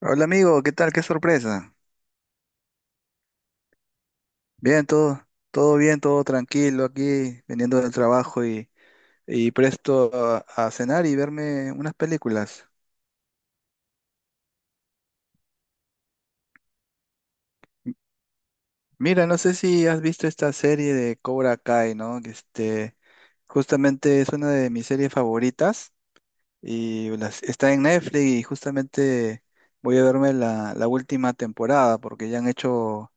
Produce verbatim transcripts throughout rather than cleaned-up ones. Hola amigo, ¿qué tal? Qué sorpresa. Bien, todo, todo bien, todo tranquilo aquí, viniendo del trabajo y, y presto a, a cenar y verme unas películas. Mira, no sé si has visto esta serie de Cobra Kai, ¿no? Que Este, justamente es una de mis series favoritas y las- está en Netflix y justamente voy a verme la, la última temporada porque ya han hecho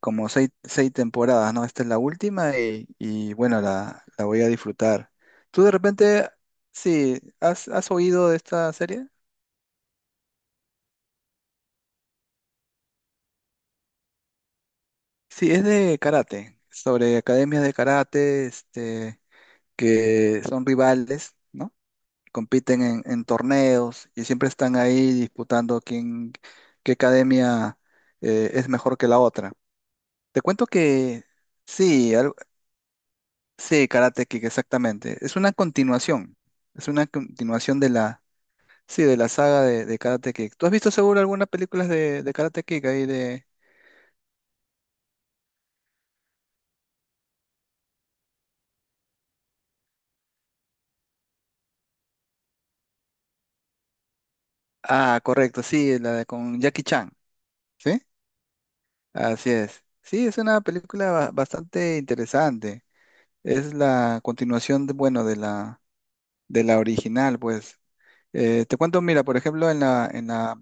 como seis, seis temporadas, ¿no? Esta es la última y, y, bueno, la, la voy a disfrutar. ¿Tú de repente, sí, has, has oído de esta serie? Sí, es de karate, sobre academias de karate, este, que son rivales, ¿no? Compiten en, en torneos y siempre están ahí disputando quién, qué academia eh, es mejor que la otra. Te cuento que sí, al- sí, Karate Kid, exactamente. Es una continuación. Es una continuación de la, sí, de la saga de, de Karate Kid. ¿Tú has visto seguro algunas películas de, de Karate Kid ahí de... Ah, correcto, sí, la de con Jackie Chan, ¿sí? Así es. Sí, es una película ba- bastante interesante. Es la continuación, de, bueno, de la, de la original, pues. Eh, te cuento, mira, por ejemplo, en la, en la,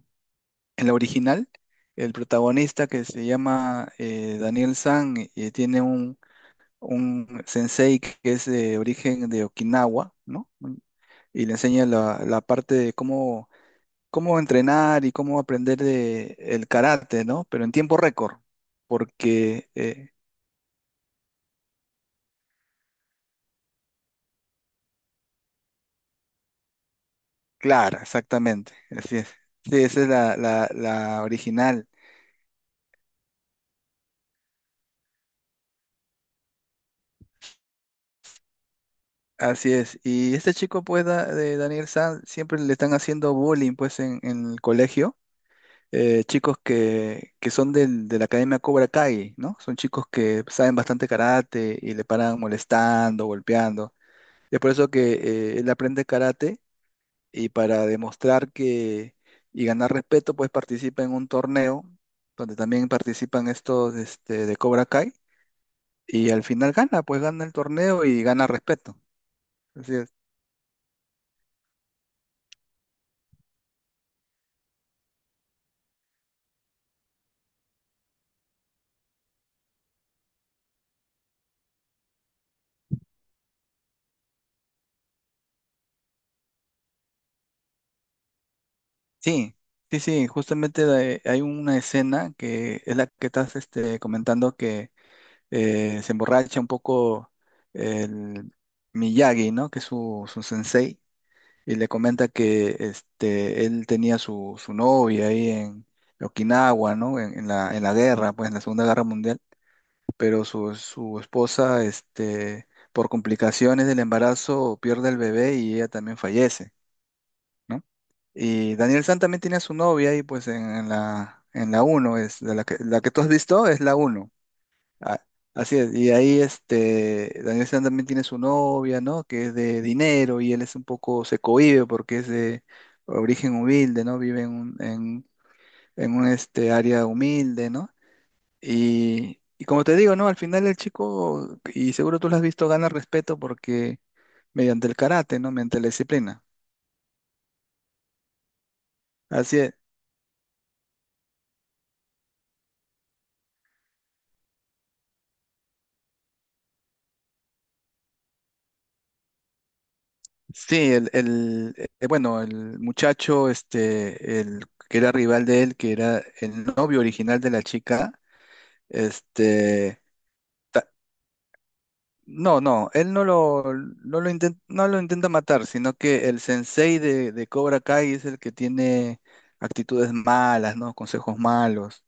en la original, el protagonista que se llama eh, Daniel San eh, tiene un un sensei que es de origen de Okinawa, ¿no? Y le enseña la, la parte de cómo, cómo entrenar y cómo aprender de, el karate, ¿no? Pero en tiempo récord, porque, eh, claro, exactamente, así es. Sí, esa es la, la, la original, así es. Y este chico, pues, da- de Daniel San, siempre le están haciendo bullying, pues, en, en el colegio eh, chicos que, que son del- de la Academia Cobra Kai, ¿no? Son chicos que saben bastante karate y le paran molestando, golpeando. Es por eso que eh, él aprende karate y para demostrar que y ganar respeto, pues participa en un torneo donde también participan estos este, de Cobra Kai y al final gana, pues gana el torneo y gana respeto. Así es. Sí. Sí, sí, justamente eh, hay una escena que es la que estás este, comentando que eh, se emborracha un poco el Miyagi, ¿no? Que es su, su sensei, y le comenta que este, él tenía su, su novia ahí en Okinawa, ¿no? En, en la, en la guerra, pues en la Segunda Guerra Mundial, pero su, su esposa, este, por complicaciones del embarazo, pierde el bebé y ella también fallece. ¿No? Y Daniel San también tiene a su novia ahí pues en, en la en la uno es de la que la que tú has visto es la uno. Ah, así es, y ahí este, Daniel San también tiene su novia, ¿no? Que es de dinero y él es un poco, se cohíbe porque es de origen humilde, ¿no? Vive en un, en, en un este, área humilde, ¿no? Y, y como te digo, ¿no? Al final el chico, y seguro tú lo has visto, gana respeto porque mediante el karate, ¿no? Mediante la disciplina. Así es. Sí, el, el, eh, bueno, el muchacho, este, el que era rival de él, que era el novio original de la chica, Este, ta- no, no, él no lo, no lo intenta, no lo intenta matar, sino que el sensei de, de Cobra Kai es el que tiene actitudes malas, ¿no? Consejos malos,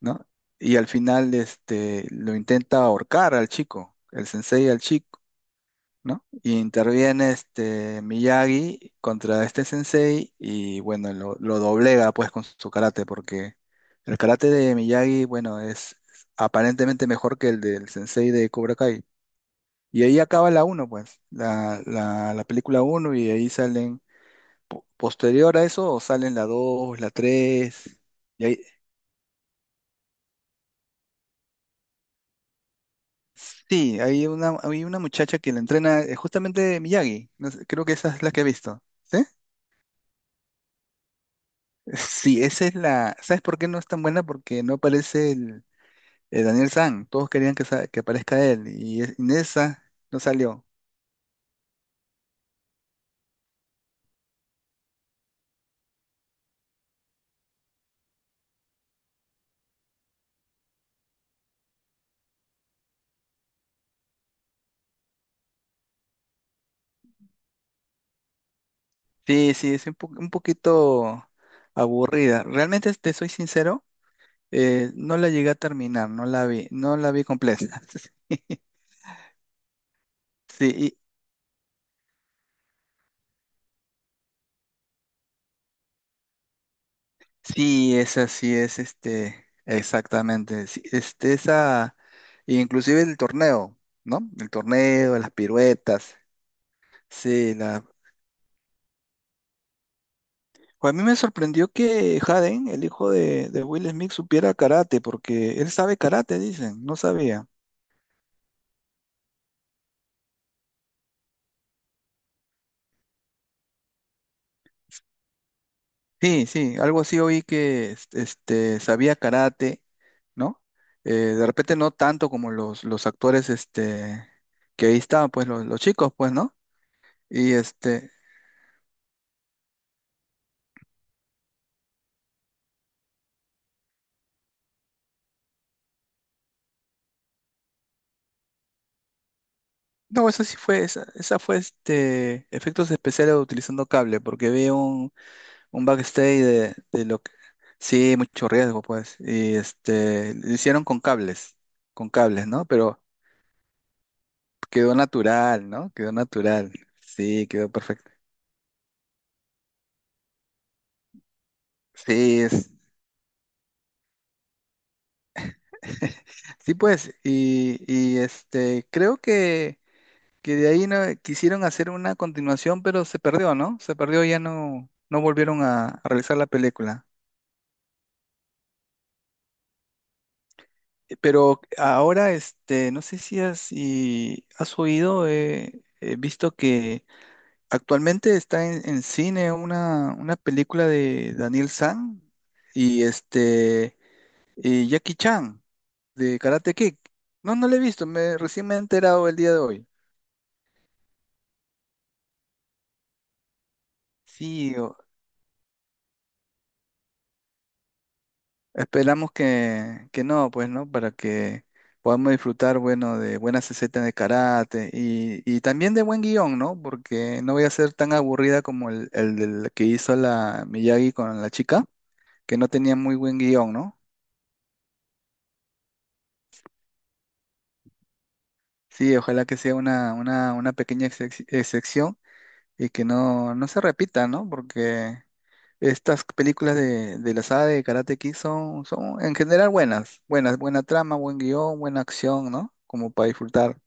¿no? Y al final, este, lo intenta ahorcar al chico, el sensei al chico, ¿no? Y interviene este Miyagi contra este sensei y bueno, lo, lo doblega pues con su karate porque el karate de Miyagi, bueno, es aparentemente mejor que el del sensei de Cobra Kai. Y ahí acaba la uno pues, la, la, la película uno y ahí salen, po- posterior a eso, salen la dos la tres. Y ahí, sí, hay una, hay una muchacha que la entrena eh, justamente Miyagi, no sé, creo que esa es la que he visto. ¿Sí? Sí, esa es la. ¿Sabes por qué no es tan buena? Porque no aparece el, el Daniel San. Todos querían que, sa- que aparezca él. Y es- en esa no salió. Sí, sí, es un, po- un poquito aburrida. Realmente, te soy sincero, eh, no la llegué a terminar, no la vi, no la vi completa. Sí, y- sí, esa sí es este, exactamente. Sí, este, esa, inclusive el torneo, ¿no? El torneo, las piruetas. Sí, la. Pues a mí me sorprendió que Jaden, el hijo de, de Will Smith, supiera karate, porque él sabe karate, dicen, no sabía. Sí, sí, algo así oí que es- este, sabía karate, ¿no? Eh, de repente no tanto como los, los actores este, que ahí estaban, pues los, los chicos, pues, ¿no? Y este, no, eso sí fue, esa, esa fue este, efectos especiales utilizando cable, porque veo un backstage de, de lo que... Sí, mucho riesgo, pues. Y este, lo hicieron con cables, con cables, ¿no? Pero quedó natural, ¿no? Quedó natural. Sí, quedó perfecto. Sí, es... sí, pues. Y, y este, creo que, que de ahí no, quisieron hacer una continuación, pero se perdió, ¿no? Se perdió, ya no, no volvieron a, a realizar la película. Pero ahora, este, no sé si has, si has oído, eh, he visto que actualmente está en, en cine una, una película de Daniel San y este y Jackie Chan de Karate Kid. No, no la he visto, me recién me he enterado el día de hoy. Sí, o- esperamos que, que no, pues, ¿no? Para que podamos disfrutar, bueno, de buenas escenas de karate y, y también de buen guión, ¿no? Porque no voy a ser tan aburrida como el, el del que hizo la Miyagi con la chica, que no tenía muy buen guión, ¿no? Sí, ojalá que sea una, una, una pequeña excep- excepción y que no, no se repita, ¿no? Porque estas películas de, de la saga de Karate Kid son, son en general buenas, buenas, buena trama, buen guión, buena acción, ¿no? Como para disfrutar.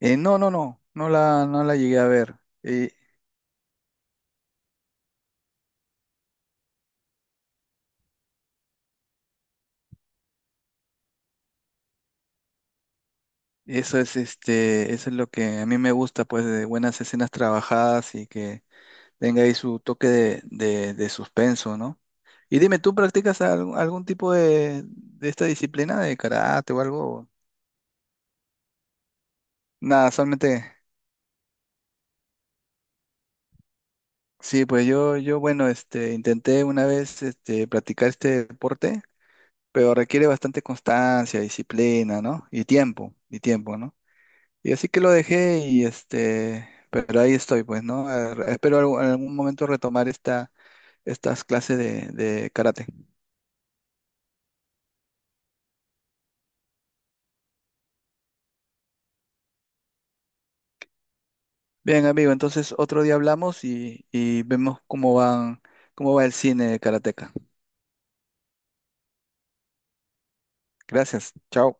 Eh, no, no, no, no la, no la llegué a ver. Eh, eso es, este, eso es lo que a mí me gusta, pues, de buenas escenas trabajadas y que tenga ahí su toque de, de- de suspenso, ¿no? Y dime, ¿tú practicas algún, algún tipo de, de esta disciplina de karate o algo? Nada, solamente, sí, pues yo, yo, bueno, este, intenté una vez, este, practicar este deporte, pero requiere bastante constancia, disciplina, ¿no? Y tiempo, y tiempo, ¿no? Y así que lo dejé y, este, pero ahí estoy, pues, ¿no? Eh, espero algún- en algún momento retomar esta, estas clases de, de karate. Bien, amigo, entonces otro día hablamos y, y vemos cómo van, cómo va el cine de Karateka. Gracias, chao.